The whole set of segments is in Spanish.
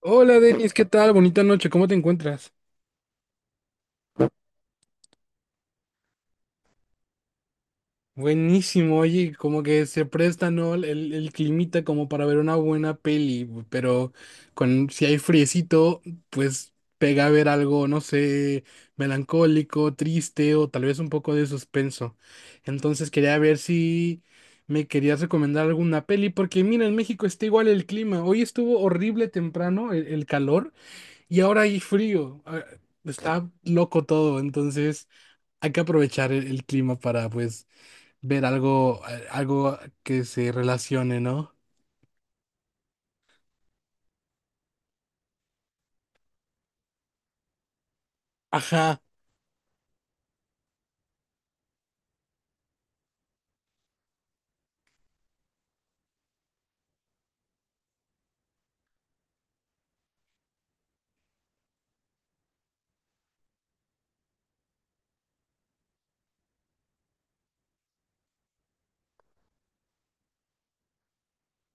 Hola Denis, ¿qué tal? Bonita noche, ¿cómo te encuentras? Buenísimo, oye, como que se presta, ¿no? El climita como para ver una buena peli, pero con, si hay friecito, pues pega a ver algo, no sé, melancólico, triste o tal vez un poco de suspenso. Entonces quería ver si me querías recomendar alguna peli, porque mira, en México está igual el clima. Hoy estuvo horrible temprano el calor y ahora hay frío. Ah, está loco todo, entonces... Hay que aprovechar el clima para, pues, ver algo, algo que se relacione, ¿no? Ajá,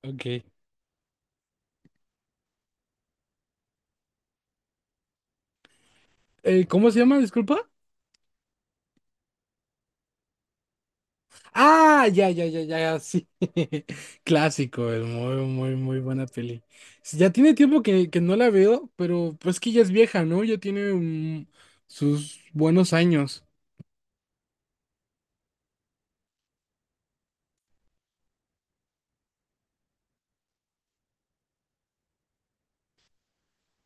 ok. ¿cómo se llama? Disculpa. Ah, ya, ya, ya, ya, ya, sí. Clásico, es muy, muy, muy buena peli. Sí, ya tiene tiempo que no la veo, pero pues que ya es vieja, ¿no? Ya tiene sus buenos años.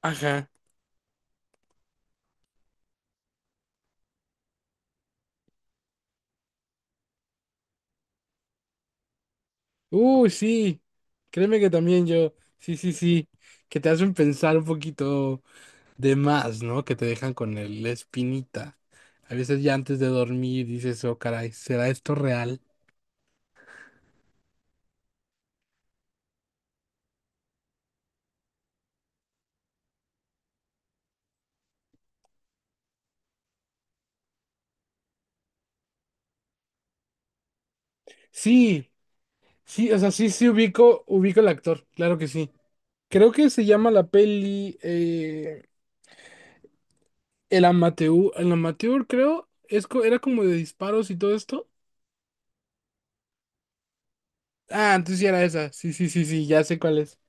Ajá. Uy, sí. Créeme que también yo. Sí, sí, sí. Que te hacen pensar un poquito de más, ¿no? Que te dejan con la espinita. A veces ya antes de dormir dices, oh, caray, ¿será esto real? Sí, sí, o sea, sí, sí ubico, ubico al actor, claro que sí. Creo que se llama la peli El Amateur, El Amateur, creo, es, era como de disparos y todo esto. Ah, entonces sí era esa, sí, sí, sí, sí, ya sé cuál es.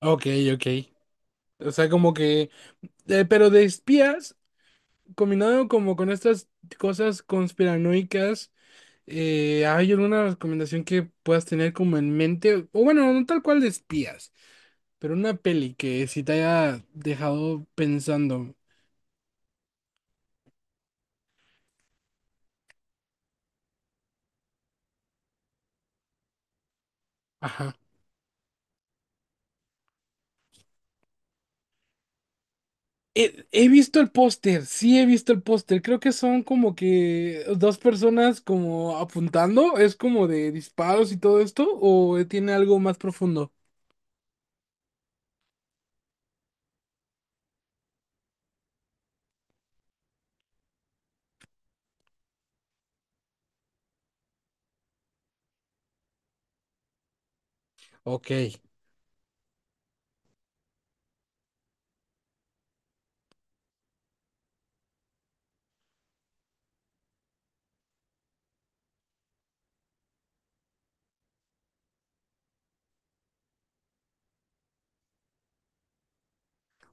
Ok, ok. O sea, como que, pero de espías, combinado como con estas cosas conspiranoicas. ¿hay alguna recomendación que puedas tener como en mente? O bueno, no tal cual de espías, pero una peli que sí te haya dejado pensando. Ajá. He visto el póster, sí he visto el póster. Creo que son como que dos personas como apuntando. Es como de disparos y todo esto, o tiene algo más profundo. Ok,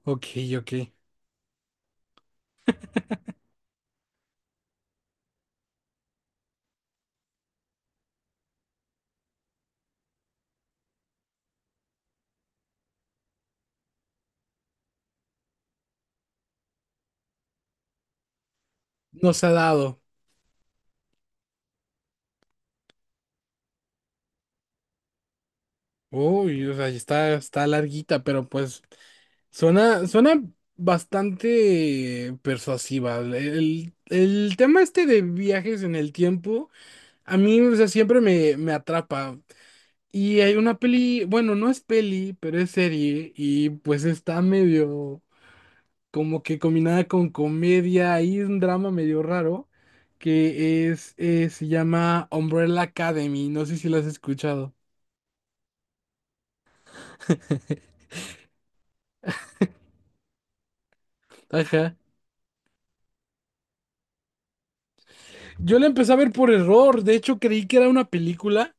ok, ok. Nos ha dado. Uy, o sea, está, está larguita, pero pues. Suena, suena bastante persuasiva. El tema este de viajes en el tiempo, a mí, o sea, siempre me, me atrapa. Y hay una peli, bueno, no es peli, pero es serie, y pues está medio como que combinada con comedia y un drama medio raro, que es, se llama Umbrella Academy. No sé si la has escuchado. Ajá. Yo la empecé a ver por error, de hecho creí que era una película.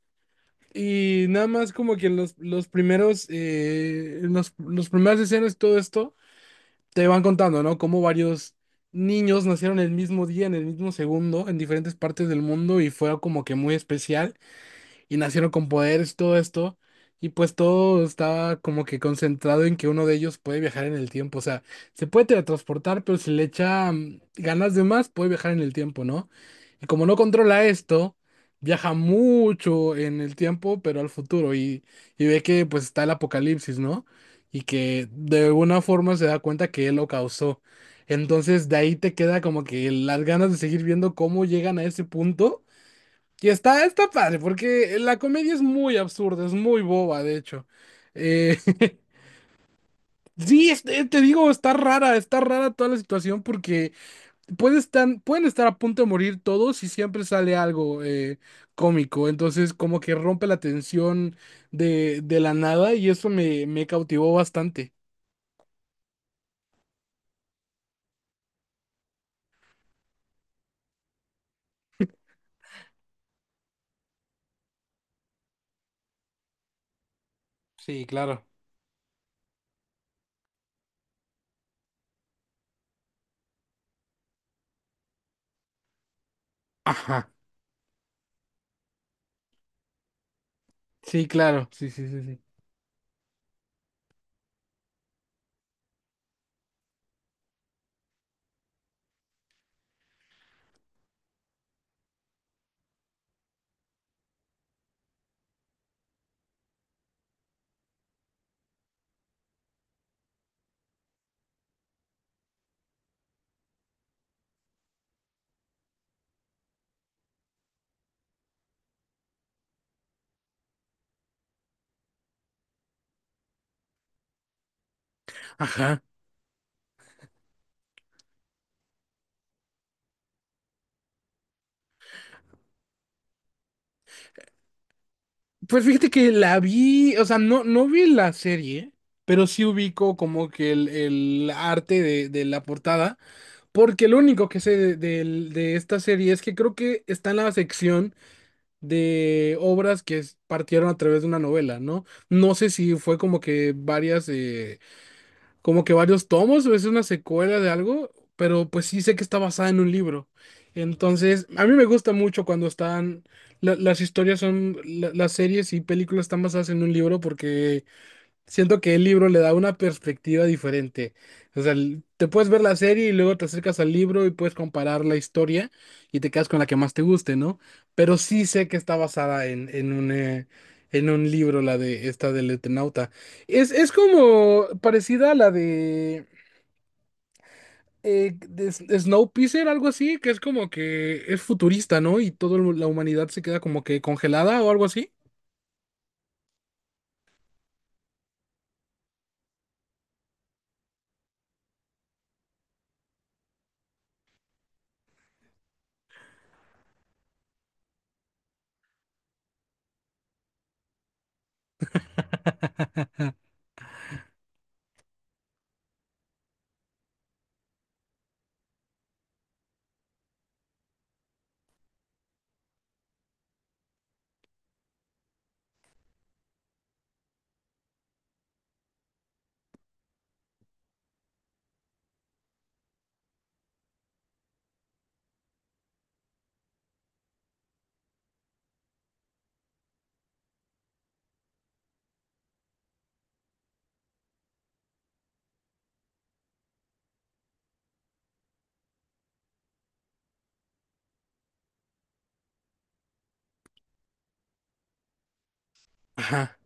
Y nada más como que en los primeros, en los primeras escenas, todo esto, te van contando, ¿no? Cómo varios niños nacieron el mismo día, en el mismo segundo, en diferentes partes del mundo y fue como que muy especial y nacieron con poderes y todo esto. Y pues todo está como que concentrado en que uno de ellos puede viajar en el tiempo. O sea, se puede teletransportar, pero si le echa ganas de más, puede viajar en el tiempo, ¿no? Y como no controla esto, viaja mucho en el tiempo, pero al futuro. Y ve que pues está el apocalipsis, ¿no? Y que de alguna forma se da cuenta que él lo causó. Entonces de ahí te queda como que las ganas de seguir viendo cómo llegan a ese punto y está, está padre, porque la comedia es muy absurda, es muy boba, de hecho. Eh, sí, te digo, está rara toda la situación porque pueden estar a punto de morir todos y siempre sale algo cómico. Entonces, como que rompe la tensión de la nada y eso me, me cautivó bastante. Sí, claro. Ajá. Sí, claro. Sí, sí, sí, sí. Ajá. Pues fíjate que la vi, o sea, no, no vi la serie, pero sí ubico como que el arte de la portada, porque lo único que sé de, de esta serie es que creo que está en la sección de obras que partieron a través de una novela, ¿no? No sé si fue como que varias como que varios tomos, o es una secuela de algo, pero pues sí sé que está basada en un libro. Entonces, a mí me gusta mucho cuando están, las historias son, las series y películas están basadas en un libro porque siento que el libro le da una perspectiva diferente. O sea, te puedes ver la serie y luego te acercas al libro y puedes comparar la historia y te quedas con la que más te guste, ¿no? Pero sí sé que está basada en un libro, la de esta del Eternauta. Es como parecida a la de Snowpiercer, algo así, que es como que es futurista, ¿no? Y toda la humanidad se queda como que congelada o algo así. Ajá.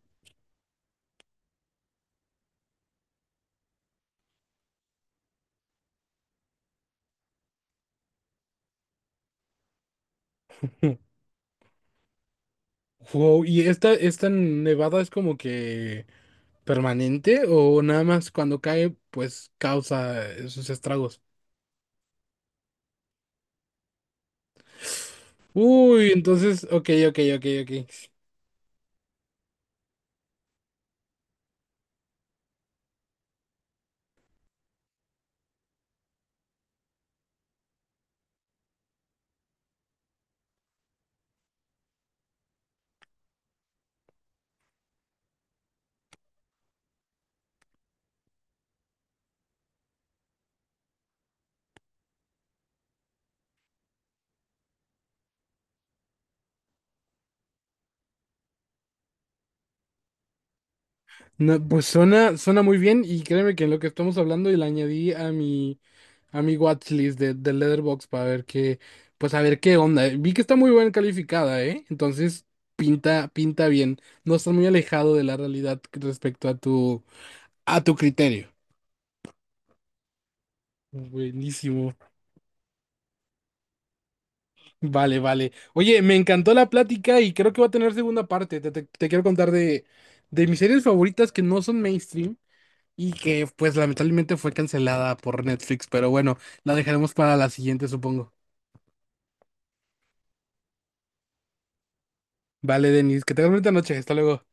Wow, y esta nevada es como que permanente o nada más cuando cae, pues causa sus estragos. Uy, entonces, ok, ok, ok, ok. No, pues suena, suena muy bien y créeme que en lo que estamos hablando y la añadí a mi watchlist de Letterboxd para ver qué, pues a ver qué onda. Vi que está muy bien calificada, ¿eh? Entonces pinta, pinta bien. No está muy alejado de la realidad respecto a tu criterio. Buenísimo. Vale, vale. Oye, me encantó la plática y creo que va a tener segunda parte. Te, te quiero contar de mis series favoritas que no son mainstream y que pues lamentablemente fue cancelada por Netflix, pero bueno, la dejaremos para la siguiente, supongo. Vale, Denis, que tengas bonita noche. Hasta luego.